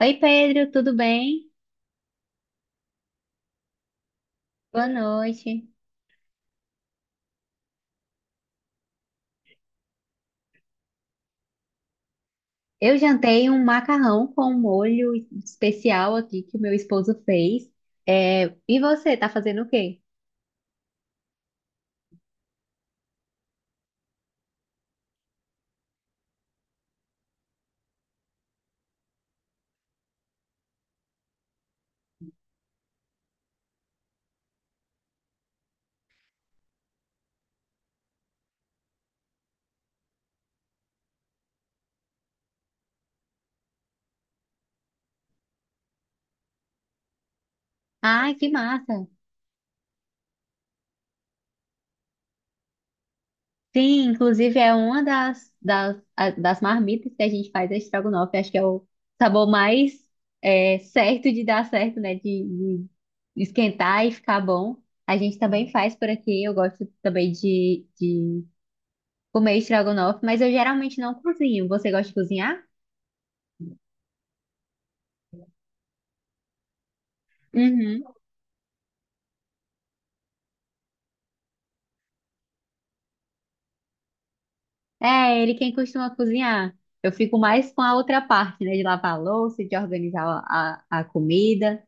Oi, Pedro, tudo bem? Boa noite. Eu jantei um macarrão com molho especial aqui que o meu esposo fez. E você, tá fazendo o quê? Ai, que massa! Sim, inclusive é uma das marmitas que a gente faz, a estrogonofe. Acho que é o sabor mais certo de dar certo, né? De esquentar e ficar bom. A gente também faz por aqui. Eu gosto também de comer estrogonofe, mas eu geralmente não cozinho. Você gosta de cozinhar? Uhum. É, ele quem costuma cozinhar. Eu fico mais com a outra parte, né? De lavar a louça, de organizar a comida.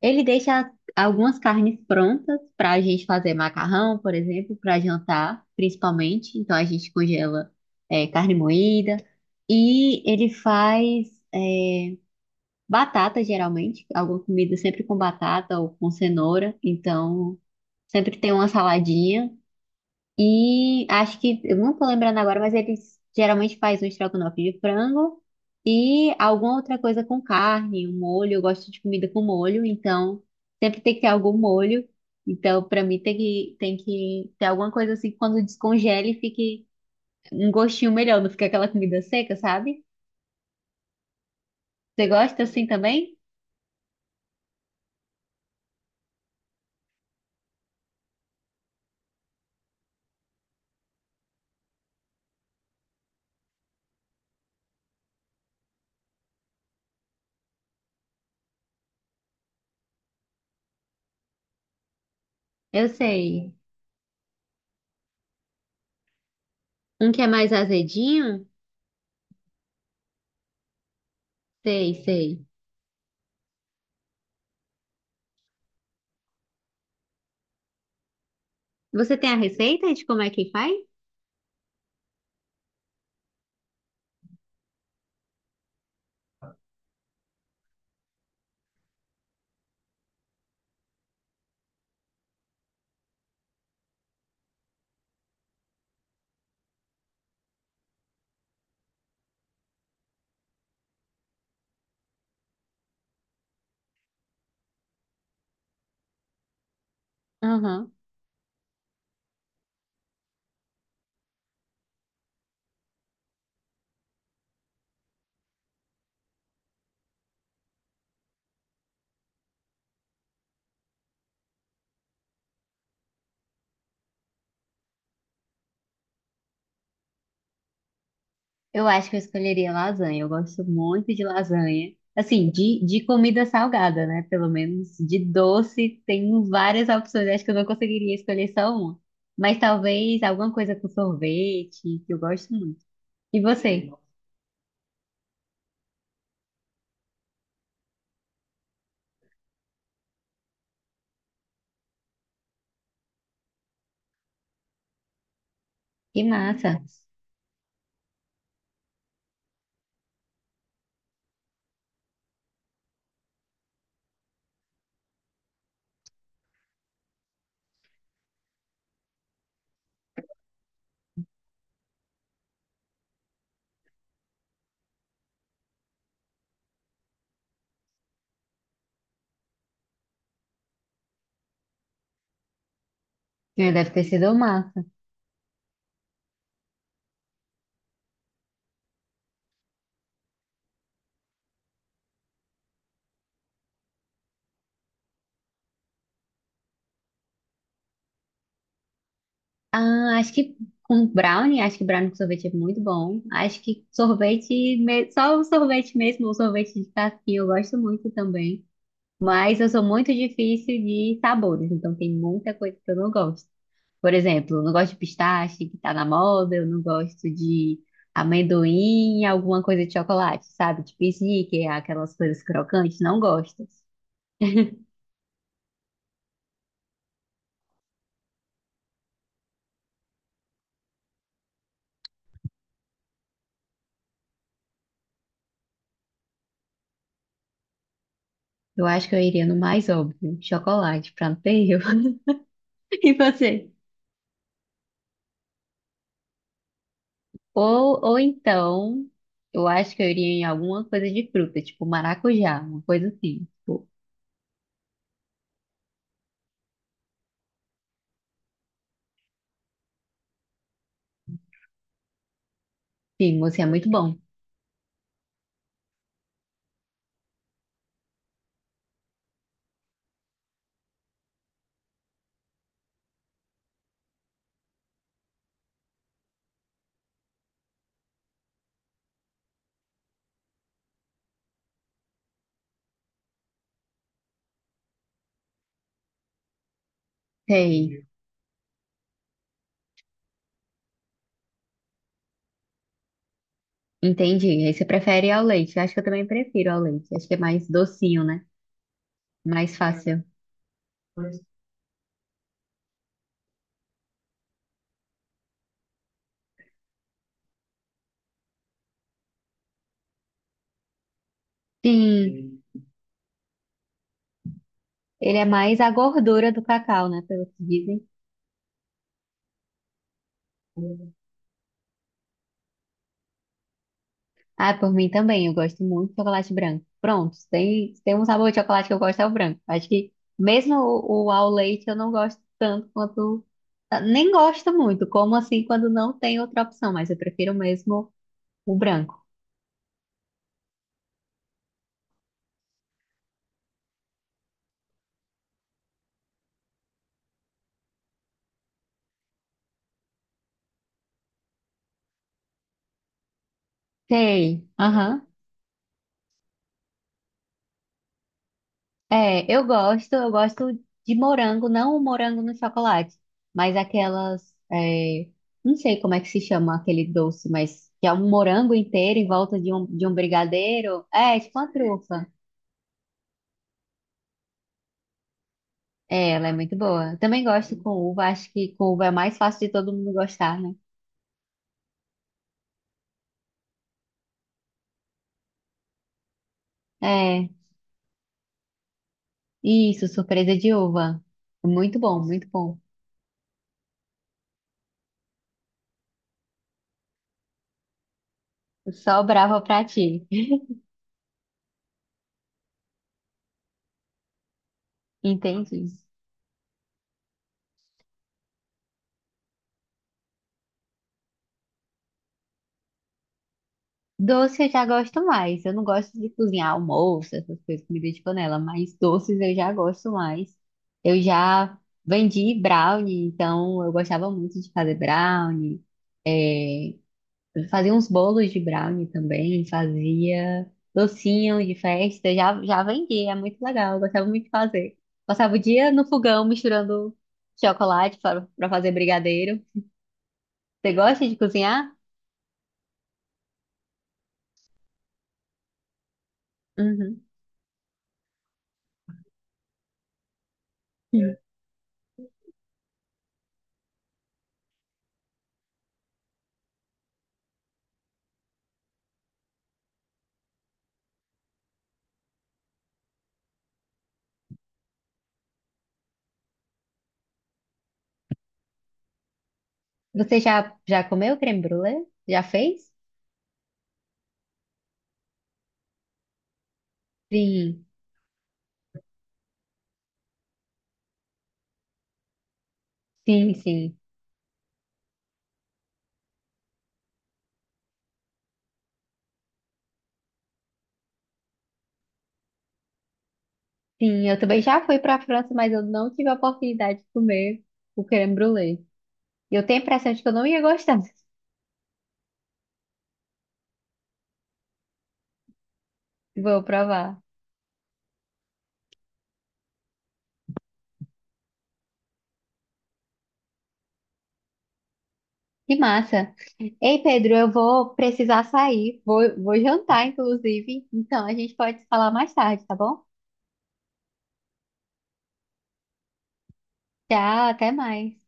Ele deixa algumas carnes prontas para a gente fazer macarrão, por exemplo, para jantar, principalmente. Então a gente congela carne moída. E ele faz é, batata, geralmente, alguma comida sempre com batata ou com cenoura. Então sempre tem uma saladinha. E acho que, eu não tô lembrando agora, mas eles geralmente faz um estrogonofe de frango e alguma outra coisa com carne, um molho. Eu gosto de comida com molho, então sempre tem que ter algum molho. Então, pra mim, tem que ter alguma coisa assim que quando descongele fique um gostinho melhor, não fica aquela comida seca, sabe? Você gosta assim também? Eu sei. Um que é mais azedinho? Sei, sei. Você tem a receita de como é que faz? Aham. Eu acho que eu escolheria lasanha. Eu gosto muito de lasanha. Assim, de comida salgada, né? Pelo menos de doce, tem várias opções. Acho que eu não conseguiria escolher só uma. Mas talvez alguma coisa com sorvete, que eu gosto muito. E você? Que massa. Deve ter sido massa. Ah, acho que com brownie, acho que brownie com sorvete é muito bom. Acho que só o sorvete mesmo, o sorvete de casquinha, eu gosto muito também. Mas eu sou muito difícil de sabores, então tem muita coisa que eu não gosto. Por exemplo, eu não gosto de pistache, que tá na moda, eu não gosto de amendoim, alguma coisa de chocolate, sabe? Tipo sneaker, aquelas coisas crocantes, não gosto. Eu acho que eu iria no mais óbvio, chocolate, pra não ter erro. E você? Ou então, eu acho que eu iria em alguma coisa de fruta, tipo maracujá, uma coisa assim. Tipo, sim, você é muito bom. Sei. Entendi. Aí você prefere ao leite. Eu acho que eu também prefiro ao leite. Acho que é mais docinho, né? Mais fácil. Sim, ele é mais a gordura do cacau, né? Pelo que dizem. Ah, por mim também. Eu gosto muito de chocolate branco. Pronto, se tem um sabor de chocolate que eu gosto é o branco. Acho que mesmo o ao leite eu não gosto tanto quanto. Nem gosto muito, como assim quando não tem outra opção, mas eu prefiro mesmo o branco. Sei. Aham. É, eu gosto de morango, não o morango no chocolate, mas aquelas, não sei como é que se chama aquele doce, mas que é um morango inteiro em volta de de um brigadeiro. É, tipo uma trufa. É, ela é muito boa. Eu também gosto com uva, acho que com uva é mais fácil de todo mundo gostar, né? É, isso, surpresa de uva. Muito bom, muito bom. Só brava pra ti. Entendi. Doce eu já gosto mais. Eu não gosto de cozinhar almoço, essas coisas, comida de panela, mas doces eu já gosto mais. Eu já vendi brownie, então eu gostava muito de fazer brownie. É, fazia uns bolos de brownie também, fazia docinho de festa, já vendi, é muito legal, eu gostava muito de fazer. Passava o dia no fogão misturando chocolate para fazer brigadeiro. Você gosta de cozinhar? Uhum. Você já comeu creme brulee? Já fez? Sim, sim. Sim, eu também já fui para a França, mas eu não tive a oportunidade de comer o creme brulee. E eu tenho a impressão de que eu não ia gostar. Vou provar. Que massa. Ei, Pedro, eu vou precisar sair. Vou jantar, inclusive. Então, a gente pode se falar mais tarde, tá bom? Tchau, até mais.